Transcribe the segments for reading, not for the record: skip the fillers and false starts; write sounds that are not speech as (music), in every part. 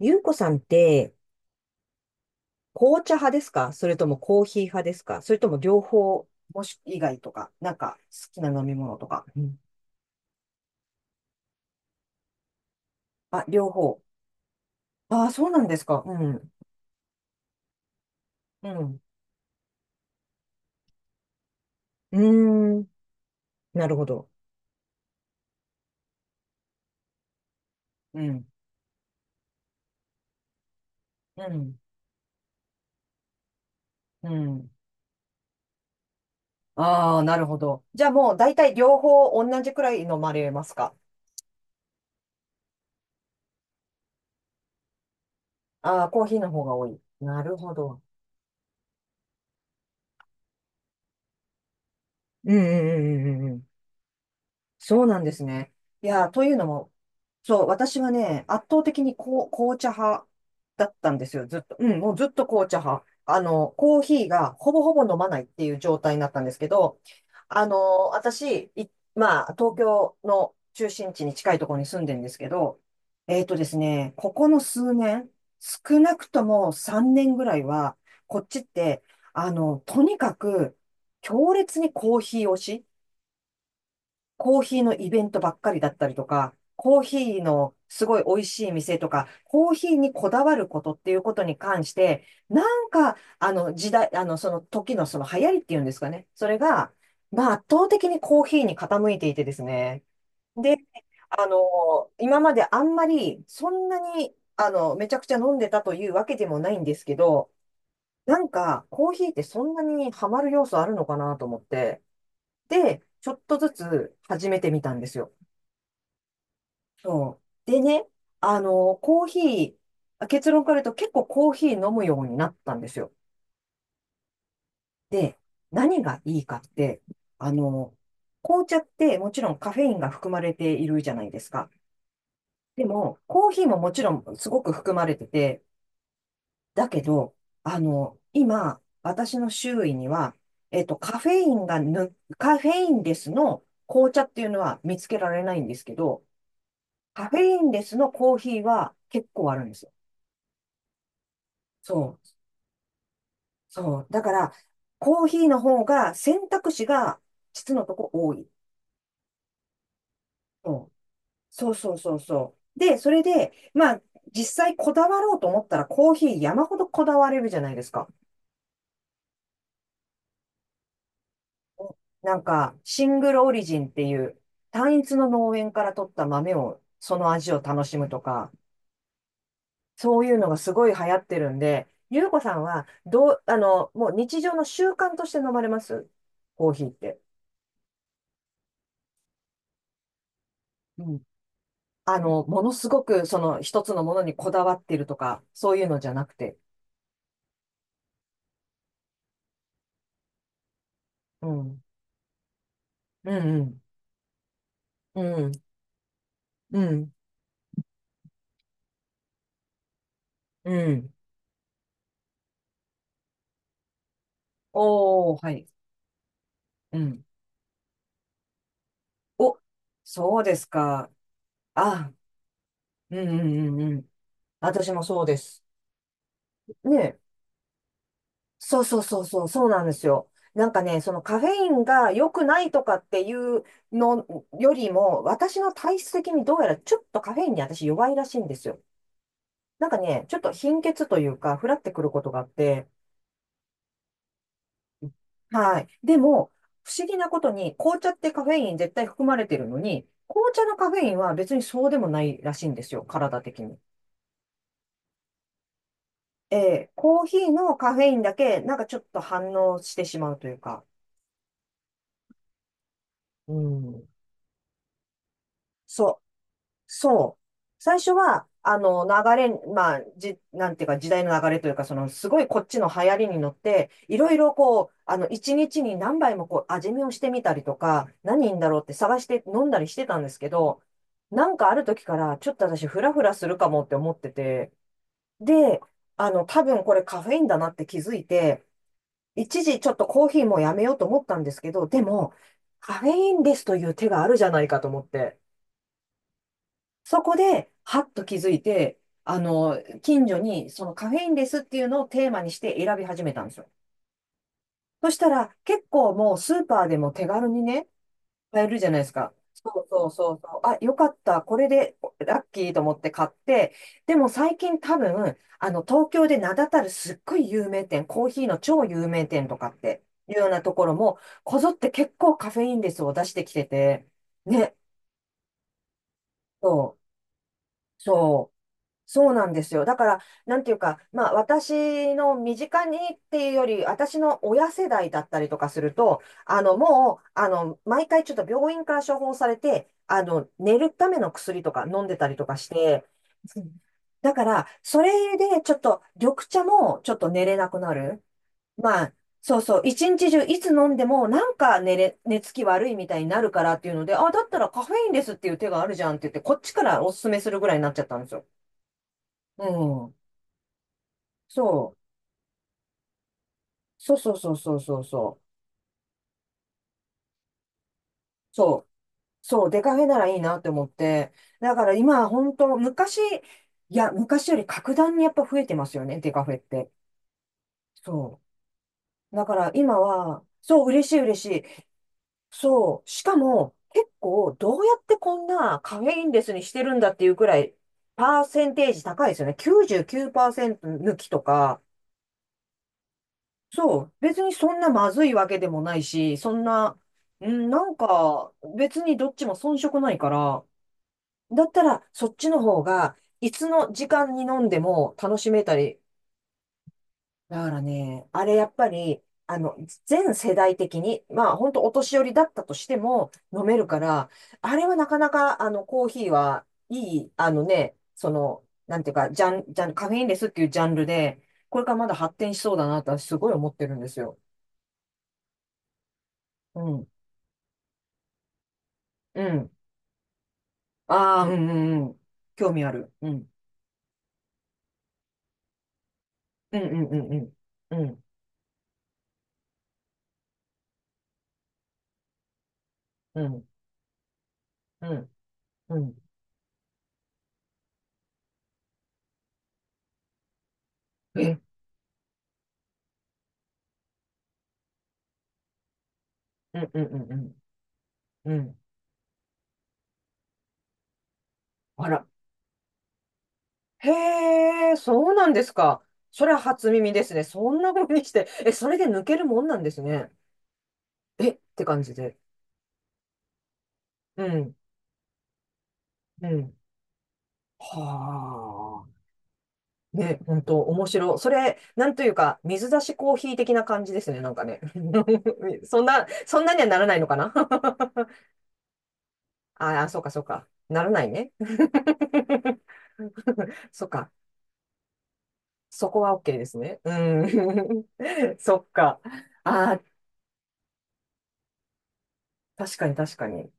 ゆうこさんって、紅茶派ですか、それともコーヒー派ですか、それとも両方、もし以外とか、好きな飲み物とか。うん。あ、両方。ああ、そうなんですか。うん。うん。うーん。なるほど。うん。うん。うん。ああ、なるほど。じゃあもう大体両方同じくらい飲まれますか？ああー、コーヒーの方が多い。なるほど。うんうんうんうんうんうん。そうなんですね。いや、というのも、そう、私はね、圧倒的にこう紅茶派だったんですよ、ずっと。うん、もうずっと紅茶派。コーヒーがほぼほぼ飲まないっていう状態になったんですけど、私、い、まあ、東京の中心地に近いところに住んでるんですけど、えっとですね、ここの数年、少なくとも3年ぐらいは、こっちって、とにかく強烈にコーヒー推し。コーヒーのイベントばっかりだったりとか、コーヒーのすごい美味しい店とか、コーヒーにこだわることっていうことに関して、なんか、あの時代、あのその時のその流行りっていうんですかね。それが、まあ圧倒的にコーヒーに傾いていてですね。で、今まであんまりそんなに、めちゃくちゃ飲んでたというわけでもないんですけど、なんかコーヒーってそんなにハマる要素あるのかなと思って、で、ちょっとずつ始めてみたんですよ。そう。でね、あの、コーヒー、あ、結論から言うと結構コーヒー飲むようになったんですよ。で、何がいいかって、あの、紅茶ってもちろんカフェインが含まれているじゃないですか。でも、コーヒーももちろんすごく含まれてて、だけど、今、私の周囲には、カフェインレスの紅茶っていうのは見つけられないんですけど、カフェインレスのコーヒーは結構あるんですよ。そう。そう。だから、コーヒーの方が選択肢が実のとこ多い。そうそうそうそうそう。で、それで、まあ、実際こだわろうと思ったらコーヒー山ほどこだわれるじゃないですか。なんか、シングルオリジンっていう、単一の農園から取った豆を、その味を楽しむとか、そういうのがすごい流行ってるんで、ゆうこさんは、どう、もう日常の習慣として飲まれますコーヒーって。ものすごく、その、一つのものにこだわってるとか、そういうのじゃなくて。うん。うん、うん。うん、うん、うん。おー、はい。うん。お、そうですか。あ、うん、うん、うん、うん。私もそうです。ねえ。そうそうそうそう、そうなんですよ。なんかね、そのカフェインが良くないとかっていうのよりも、私の体質的にどうやらちょっとカフェインに私弱いらしいんですよ。なんかね、ちょっと貧血というか、ふらってくることがあって、はい。でも、不思議なことに、紅茶ってカフェイン絶対含まれてるのに、紅茶のカフェインは別にそうでもないらしいんですよ、体的に。ええ、コーヒーのカフェインだけ、なんかちょっと反応してしまうというか。うん。そう、そう。最初は、あの、流れ、まあ、じ、なんていうか、時代の流れというか、その、すごいこっちの流行りに乗って、いろいろこう、一日に何杯もこう、味見をしてみたりとか、何いいんだろうって探して飲んだりしてたんですけど、なんかある時から、ちょっと私、フラフラするかもって思ってて、で、多分これカフェインだなって気づいて、一時ちょっとコーヒーもやめようと思ったんですけど、でも、カフェインレスという手があるじゃないかと思って。そこで、はっと気づいて、近所にそのカフェインレスっていうのをテーマにして選び始めたんですよ。そしたら、結構もうスーパーでも手軽にね、買えるじゃないですか。そうそうそうそう。あ、よかった。これでラッキーと思って買って、でも最近多分、東京で名だたるすっごい有名店、コーヒーの超有名店とかっていうようなところも、こぞって結構カフェインレスを出してきてて、ね、そう。そうそうなんですよ。だから、なんていうか、まあ、私の身近にっていうより、私の親世代だったりとかすると、あの、もう、あの、毎回ちょっと病院から処方されて、寝るための薬とか飲んでたりとかして、うん、だから、それでちょっと、緑茶もちょっと寝れなくなる。まあ、そうそう、一日中いつ飲んでも、寝つき悪いみたいになるからっていうので、あ、だったらカフェインレスっていう手があるじゃんって言って、こっちからおすすめするぐらいになっちゃったんですよ。うん。そう。そうそうそうそうそうそう。そう。そう。出かけならいいなって思って。だから今、本当昔、いや、昔より格段にやっぱ増えてますよね、デカフェって。そう。だから今は、そう、嬉しい嬉しい。そう。しかも、結構、どうやってこんなカフェインレスにしてるんだっていうくらい、パーセンテージ高いですよね。99%抜きとか、そう。別にそんなまずいわけでもないし、そんな、うん、なんか別にどっちも遜色ないから、だったらそっちの方が、いつの時間に飲んでも楽しめたり。だからね、あれやっぱり、全世代的に、まあ本当お年寄りだったとしても飲めるから、あれはなかなか、あの、コーヒーはいい、あのね、その、なんていうか、ジャン、ジャン、カフェインレスっていうジャンルで、これからまだ発展しそうだなとはすごい思ってるんですよ。うんうん。ああ、うんうんうん。興味ある。うん。うんうんうんうん。うん。うん。うん。うん。え、うんうんうんうん。うん。あら。へえ、そうなんですか。それは初耳ですね。そんな風にして。え、それで抜けるもんなんですね。え、って感じで。うん。うん。はあ。ね、本当面白い。それ、なんというか、水出しコーヒー的な感じですね。なんかね。(laughs) そんな、そんなにはならないのかな。 (laughs) ああ、そうか、そうか。ならないね。(laughs) そっか。そこは OK ですね。うん。(laughs) そっか。ああ、確かに確かに。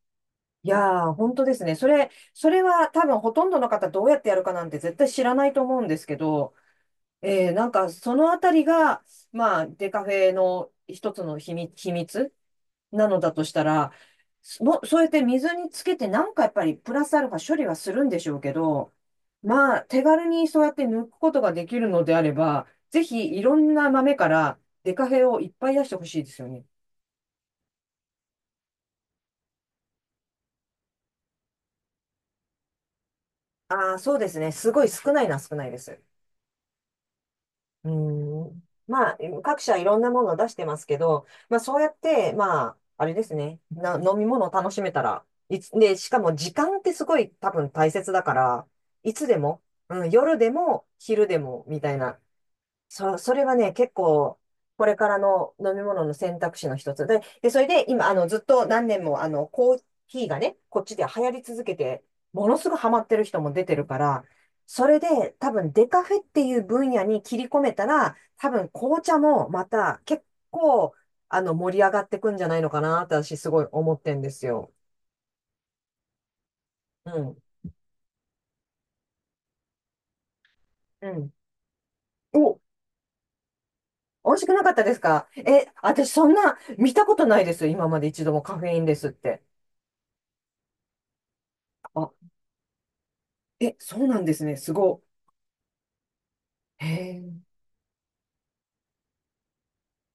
いやー、本当ですね。それ、それは多分ほとんどの方どうやってやるかなんて絶対知らないと思うんですけど、えー、なんかそのあたりが、まあ、デカフェの一つの秘密、秘密なのだとしたら、そ、そうやって水につけてなんかやっぱりプラスアルファ処理はするんでしょうけど、まあ手軽にそうやって抜くことができるのであれば、ぜひいろんな豆からデカフェをいっぱい出してほしいですよね。ああ、そうですね。すごい少ないな、少ないです。うん。まあ、各社いろんなものを出してますけど、まあそうやって、まあ、あれですね。飲み物を楽しめたら、いつ、で、しかも時間ってすごい多分大切だから、いつでも、うん、夜でも昼でもみたいな。そう、それはね、結構、これからの飲み物の選択肢の一つで、で、それで今、ずっと何年も、コーヒーがね、こっちで流行り続けて、ものすごいハマってる人も出てるから、それで多分デカフェっていう分野に切り込めたら、多分紅茶もまた結構、盛り上がってくんじゃないのかなって私すごい思ってんですよ。うん。うん。お、美味しくなかったですか？え、私そんな見たことないです。今まで一度もカフェインですって。あ、え、そうなんですね。すご。へえ。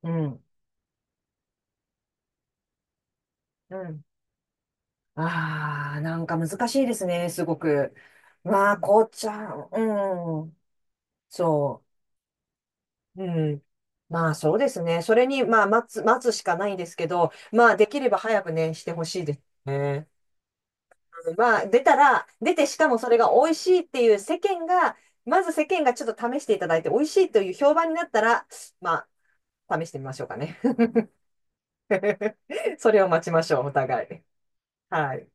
うん。うん。ああ、なんか難しいですね。すごく。まあ、紅茶。うん。そう。うん。まあ、そうですね。それに、まあ、待つ、待つしかないんですけど、まあ、できれば早くね、してほしいですね。うん、まあ、出たら、出てしかもそれが美味しいっていう世間が、まず世間がちょっと試していただいて、美味しいという評判になったら、まあ、試してみましょうかね。(laughs) それを待ちましょう、お互い。はい。